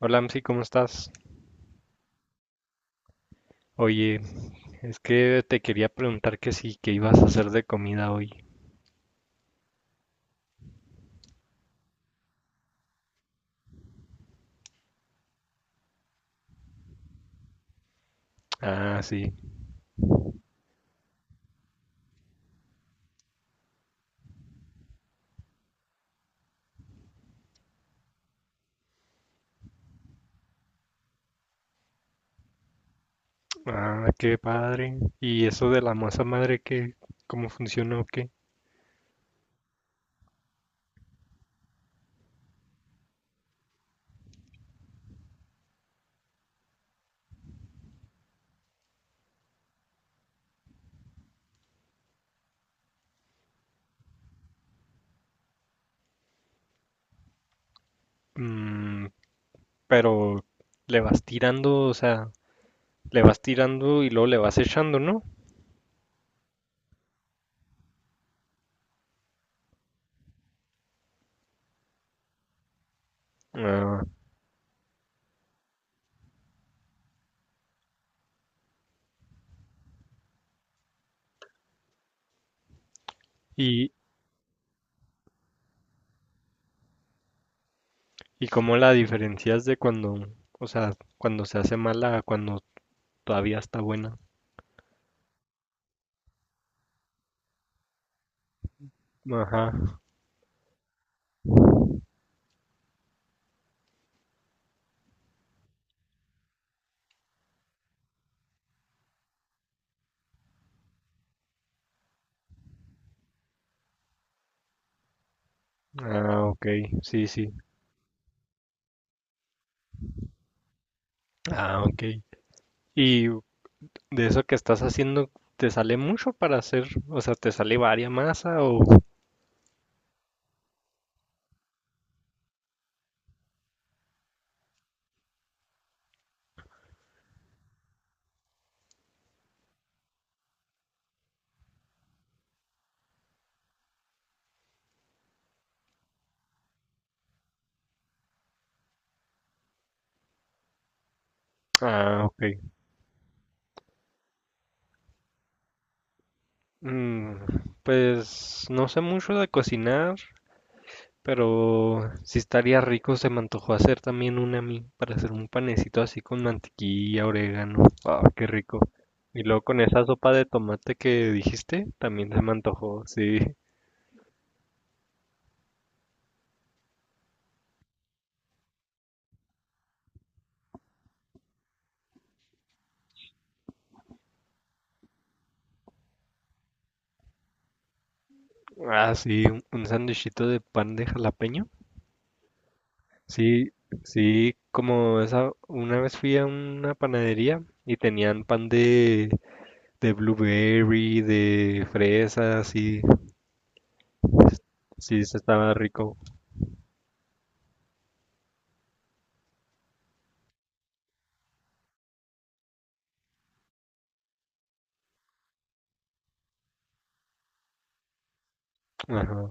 Hola, Amsi, ¿cómo estás? Oye, es que te quería preguntar que sí, que ibas a hacer de comida hoy. Ah, sí. Ah, qué padre. ¿Y eso de la masa madre, qué, cómo funciona o qué? Mm, pero le vas tirando, o sea, le vas tirando y luego le vas echando, ¿no? Ah, y, y cómo la diferencias de cuando, o sea, cuando se hace mala a cuando todavía está buena. Ajá. Ah, ok. Sí, sí. Ah, ok. ¿Y de eso que estás haciendo, ¿te sale mucho para hacer? O sea, ¿te sale varia masa o...? Ah, ok. Mm, pues no sé mucho de cocinar, pero sí estaría rico. Se me antojó hacer también una a mí para hacer un panecito así con mantequilla, orégano. Ah, qué rico. Y luego con esa sopa de tomate que dijiste, también se me antojó, sí. Ah, sí, un sandwichito de pan de jalapeño. Sí, sí, como esa, una vez fui a una panadería y tenían pan de blueberry, de fresas, y sí, se estaba rico. Ajá.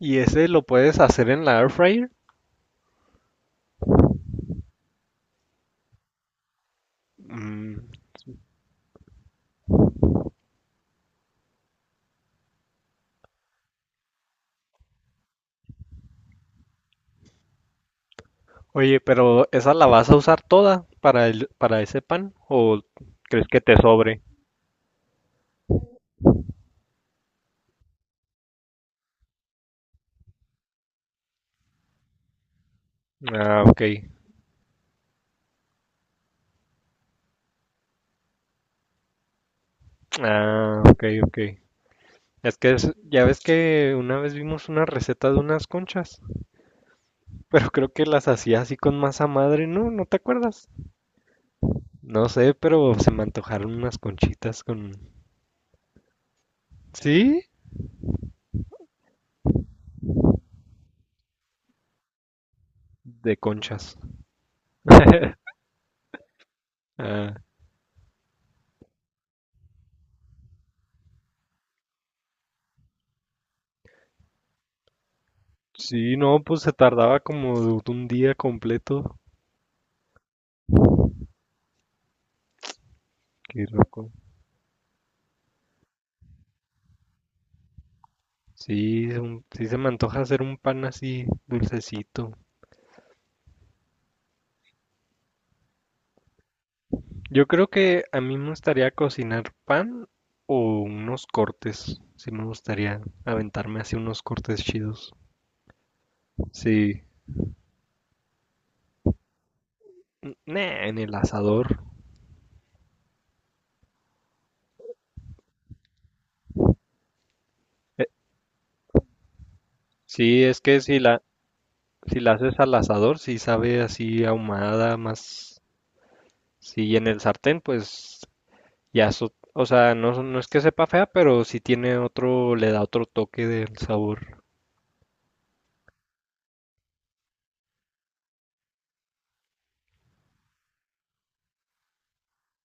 ¿Y ese lo puedes hacer en la air fryer? Mm. Oye, pero ¿esa la vas a usar toda para el, para ese pan? ¿O crees que te sobre? Ah, ok. Ah, ok, ok. Ya ves que una vez vimos una receta de unas conchas. Pero creo que las hacía así con masa madre, ¿no? ¿No te acuerdas? No sé, pero se me antojaron unas conchitas con... ¿Sí? De conchas. Ah, sí, no, pues se tardaba como de un día completo. Qué loco. Sí, sí se me antoja hacer un pan así dulcecito. Yo creo que a mí me gustaría cocinar pan o unos cortes. Sí me gustaría aventarme así unos cortes chidos. Sí. Nah, en el asador. Sí, es que si la, si la haces al asador, sí sabe así ahumada, más, sí, en el sartén, pues ya eso, o sea, no, no es que sepa fea, pero sí tiene otro, le da otro toque del sabor.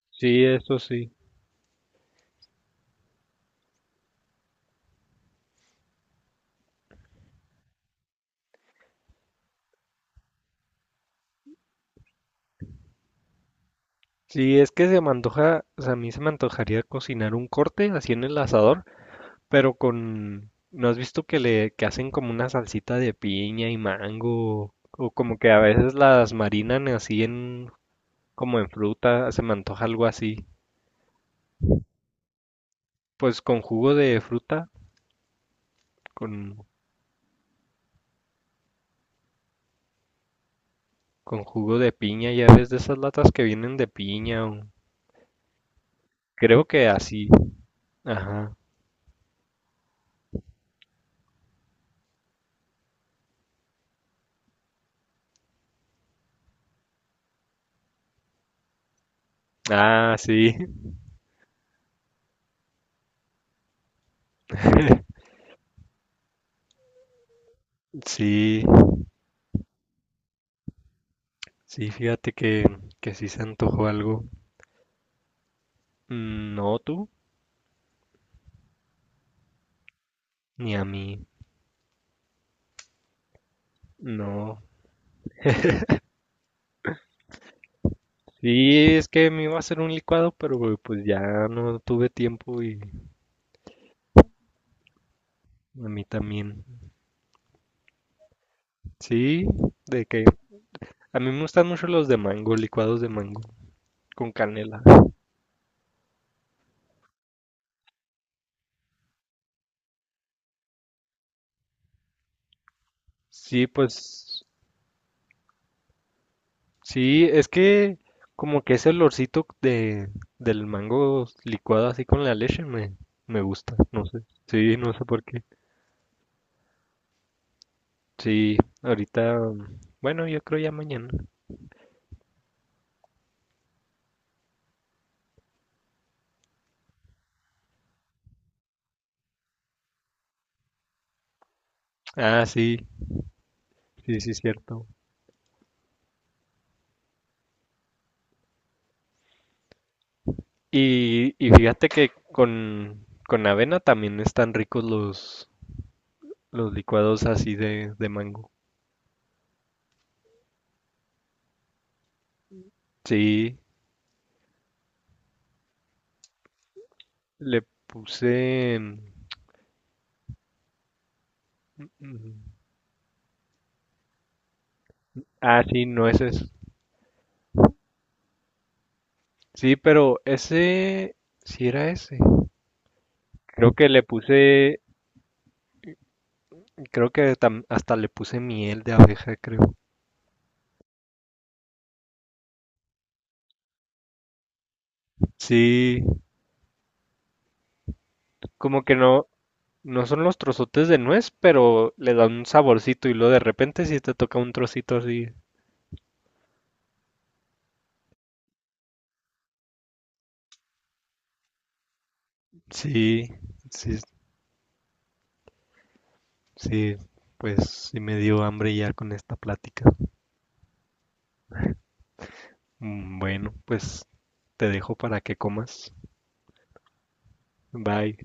Sí, eso sí. Sí, es que se me antoja, o sea, a mí se me antojaría cocinar un corte así en el asador, pero con, ¿no has visto que hacen como una salsita de piña y mango, o como que a veces las marinan así en, como en fruta, se me antoja algo así. Pues con jugo de fruta, con, con jugo de piña, ya ves de esas latas que vienen de piña, o- creo que así, ajá. Ah, sí, sí, sí, fíjate que sí se antojó algo. Mm, no tú, ni a mí, no. Sí, es que me iba a hacer un licuado, pero pues ya no tuve tiempo y a mí también. Sí, de que a mí me gustan mucho los de mango, licuados de mango, con canela. Sí, pues sí, es que como que ese olorcito de, del mango licuado así con la leche me, me gusta, no sé. Sí, no sé por qué. Sí, ahorita, bueno, yo creo ya mañana. Ah, sí, sí, sí, cierto. Y fíjate que con avena también están ricos los licuados así de mango. Sí, le puse... mm, ah, sí, no ese es. Sí, pero ese... Sí era ese. Creo que le puse, creo que hasta le puse miel de abeja, creo. Sí, como que no, no son los trozotes de nuez, pero le dan un saborcito y luego de repente sí te toca un trocito así. Sí, sí, sí, pues sí me dio hambre ya con esta plática. Mm, bueno, pues te dejo para que comas. Bye.